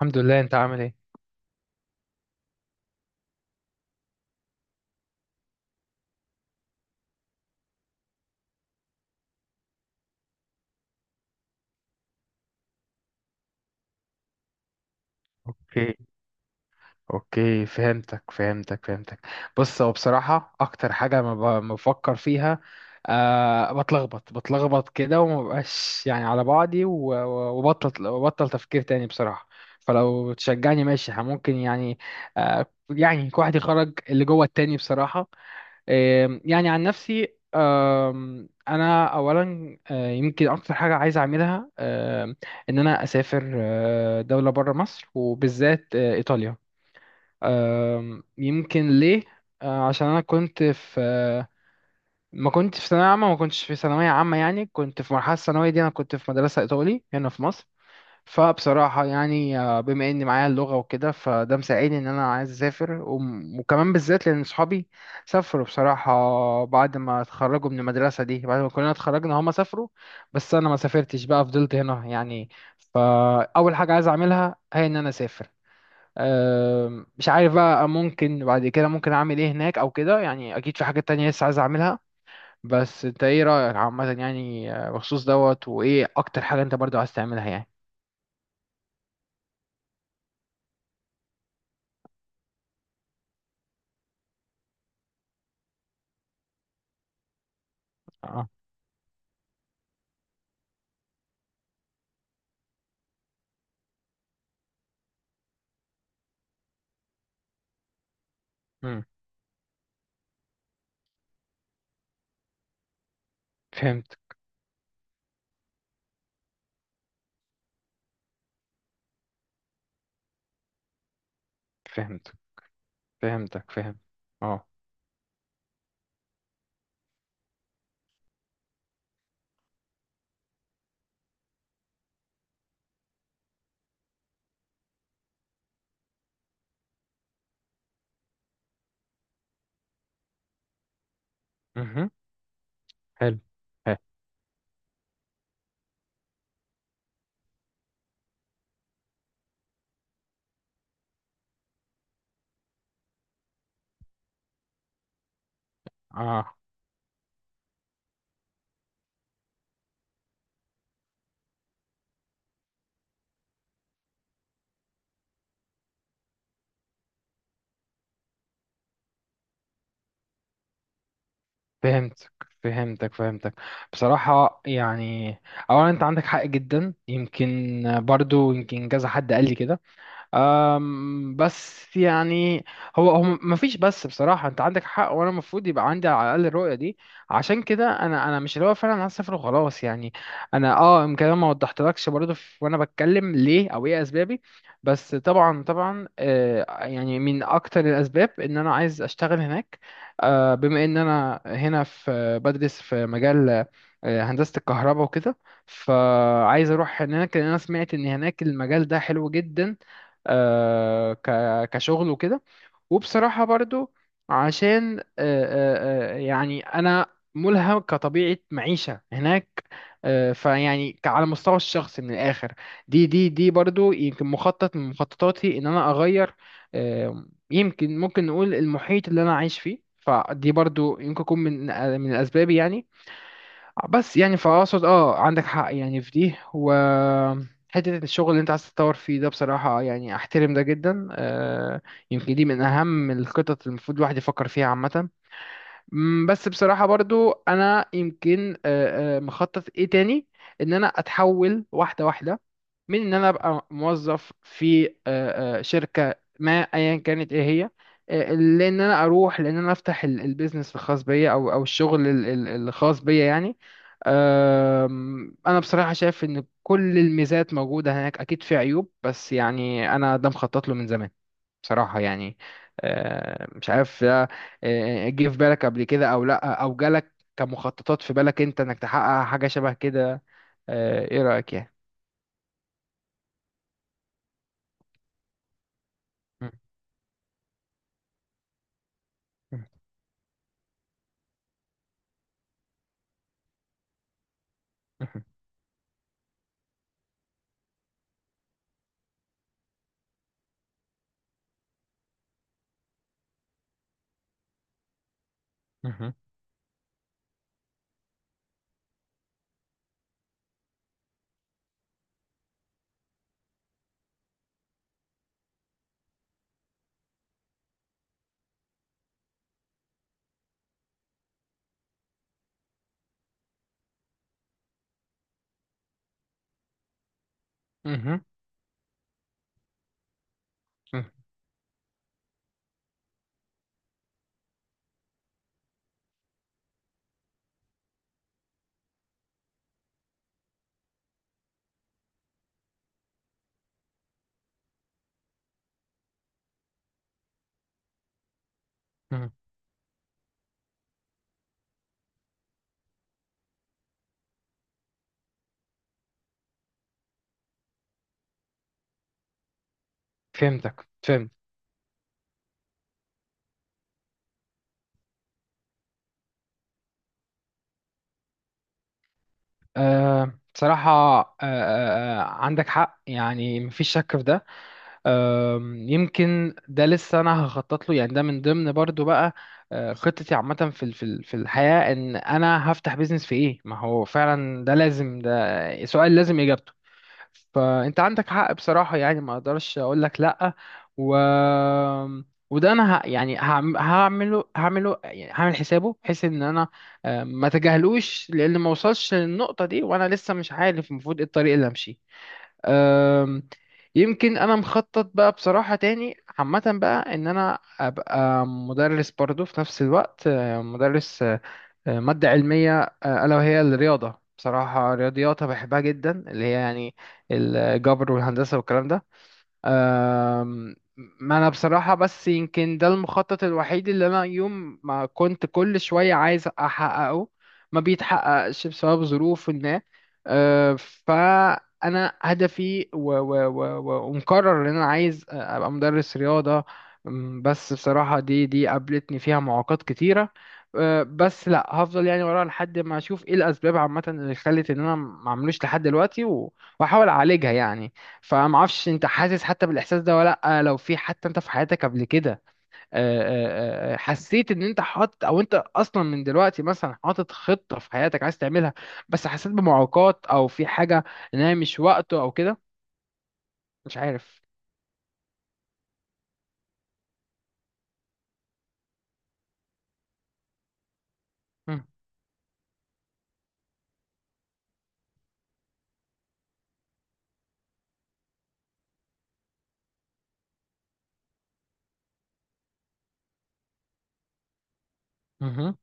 الحمد لله، انت عامل ايه؟ اوكي. اوكي، فهمتك. بص، هو بصراحة اكتر حاجة ما بفكر فيها، بتلخبط، بتلخبط كده وما بقاش يعني على بعضي وبطل، وبطل تفكير تاني بصراحة. فلو تشجعني ماشي، ها، ممكن يعني. يعني كل واحد يخرج اللي جوه التاني بصراحة. يعني عن نفسي، انا اولا، يمكن اكتر حاجه عايز اعملها، ان انا اسافر، دوله بره مصر، وبالذات ايطاليا. يمكن ليه؟ عشان انا كنت في ما كنت في ثانويه عامه ما كنتش في ثانويه عامه، يعني كنت في مرحله الثانويه دي، انا كنت في مدرسه ايطالي هنا في مصر. فبصراحة يعني، بما إن معايا اللغة وكده، فده مساعدني إن أنا عايز أسافر، وكمان بالذات لأن صحابي سافروا بصراحة. بعد ما اتخرجوا من المدرسة دي، بعد ما كلنا اتخرجنا هما سافروا، بس أنا ما سافرتش بقى، فضلت هنا يعني. فأول حاجة عايز أعملها هي إن أنا أسافر. مش عارف بقى ممكن بعد كده ممكن أعمل إيه هناك أو كده، يعني أكيد في حاجات تانية لسه عايز أعملها. بس أنت إيه رأيك عامة، يعني بخصوص دوت، وإيه أكتر حاجة أنت برضو عايز تعملها يعني؟ اه. فهمتك فهمتك فهمتك. اه. مهم. حلو. حلو. اه. فهمتك فهمتك. بصراحة يعني، أولا أنت عندك حق جدا. يمكن برضو يمكن كذا حد قال لي كده. بس يعني، هو مفيش، بس بصراحة انت عندك حق، وانا المفروض يبقى عندي على الاقل الرؤية دي. عشان كده انا مش اللي هو فعلا هسافر وخلاص يعني. انا اه يمكن انا ما وضحتلكش برضه وانا بتكلم ليه او ايه اسبابي. بس طبعا آه يعني من اكتر الاسباب ان انا عايز اشتغل هناك. آه بما ان انا هنا في بدرس في مجال، هندسة الكهرباء وكده. فعايز اروح هناك لان انا سمعت ان هناك المجال ده حلو جدا، كشغل وكده. وبصراحة برضو عشان يعني أنا ملهم كطبيعة معيشة هناك. فيعني على مستوى الشخص من الآخر، دي برضو يمكن مخطط من مخططاتي إن أنا أغير آه، يمكن ممكن نقول المحيط اللي أنا عايش فيه، فدي برضو يمكن يكون من من الأسباب يعني. بس يعني فاقصد اه عندك حق يعني في دي، و حتة الشغل اللي انت عايز تتطور فيه ده بصراحة يعني احترم ده جدا آه. يمكن دي من اهم الخطط اللي المفروض الواحد يفكر فيها عامة. بس بصراحة برضو انا يمكن مخطط ايه تاني، ان انا اتحول واحدة واحدة من ان انا ابقى موظف في شركه ما ايا كانت ايه هي، لان انا اروح لان انا افتح البيزنس الخاص بيا، او الشغل الخاص بيا يعني. انا بصراحه شايف ان كل الميزات موجوده هناك، اكيد في عيوب، بس يعني انا ده مخطط له من زمان بصراحه يعني. مش عارف ده جه في بالك قبل كده او لا، او جالك كمخططات في بالك انت انك تحقق حاجه شبه كده. ايه رايك يعني؟ مهم. مهم. مهم. مهم. فهمتك. أه بصراحة، أه عندك حق يعني مفيش شك في ده. أه يمكن ده لسه أنا هخطط له يعني، ده من ضمن برضو بقى خطتي عامة في في الحياة، إن أنا هفتح بيزنس في إيه. ما هو فعلا ده لازم، ده سؤال لازم إجابته. فانت عندك حق بصراحة يعني، ما اقدرش اقول لك لا. و وده انا ه... يعني هعمله يعني هعمل حسابه بحيث ان انا ما اتجاهلوش، لان ما وصلش للنقطة دي وانا لسه مش عارف المفروض ايه الطريق اللي امشيه. آم، يمكن انا مخطط بقى بصراحة تاني عامة بقى ان انا ابقى مدرس برضه في نفس الوقت، مدرس مادة علمية، ألا وهي الرياضة، بصراحة رياضياتها بحبها جدا، اللي هي يعني الجبر والهندسة والكلام ده. أم، ما انا بصراحة بس يمكن ده المخطط الوحيد اللي انا يوم ما كنت كل شوية عايز احققه ما بيتحققش بسبب ظروف ما. أه، فانا هدفي و و و و ومقرر ان انا عايز ابقى مدرس رياضة. بس بصراحة دي قابلتني فيها معوقات كتيرة. أه، بس لا هفضل يعني ورا لحد ما اشوف ايه الاسباب عامة اللي خلت ان انا ما عملوش لحد دلوقتي واحاول اعالجها يعني. فما اعرفش انت حاسس حتى بالاحساس ده ولا لا، لو في حتى انت في حياتك قبل كده آه، حسيت ان انت حاطط، او انت اصلا من دلوقتي مثلا حاطط خطة في حياتك عايز تعملها بس حسيت بمعوقات او في حاجة ان هي مش وقته او كده، مش عارف. مم. مهم.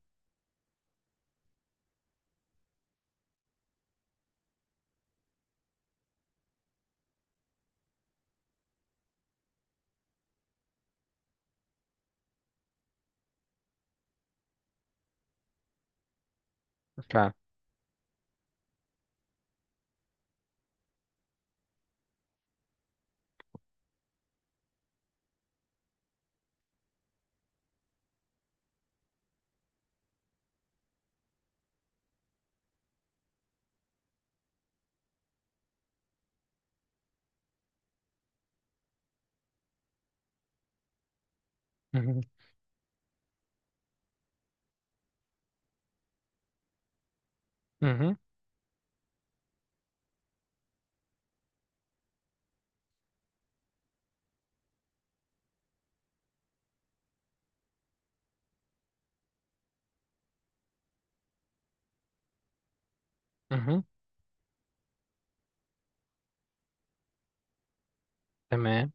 فعلا. مهم. مهم. مهم. تمام.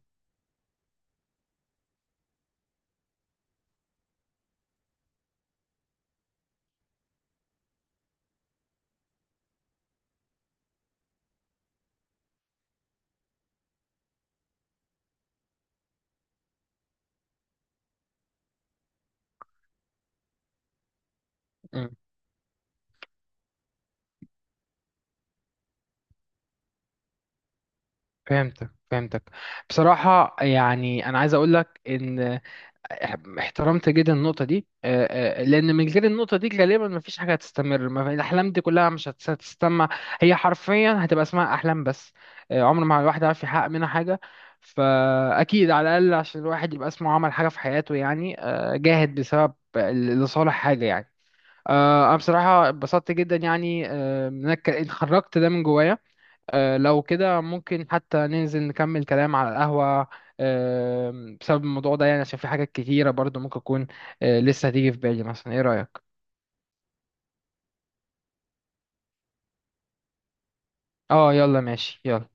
مم. فهمتك. بصراحة يعني أنا عايز أقول لك إن احترمت جدا النقطة دي، لأن من غير النقطة دي غالبا مفيش حاجة هتستمر، ما في- الأحلام دي كلها مش هتس- هتستمع، هي حرفيا هتبقى اسمها أحلام بس. عمر ما الواحد عارف يحقق منها حاجة. فأكيد على الأقل عشان الواحد يبقى اسمه عمل حاجة في حياته، يعني جاهد بسبب لصالح حاجة يعني. أنا بصراحة اتبسطت جدا يعني إن أنا اتخرجت ده من جوايا. لو كده ممكن حتى ننزل نكمل كلام على القهوة بسبب الموضوع ده، يعني عشان في حاجات كتيرة برضو ممكن تكون لسه هتيجي في بالي مثلا، ايه رأيك؟ اه يلا ماشي يلا.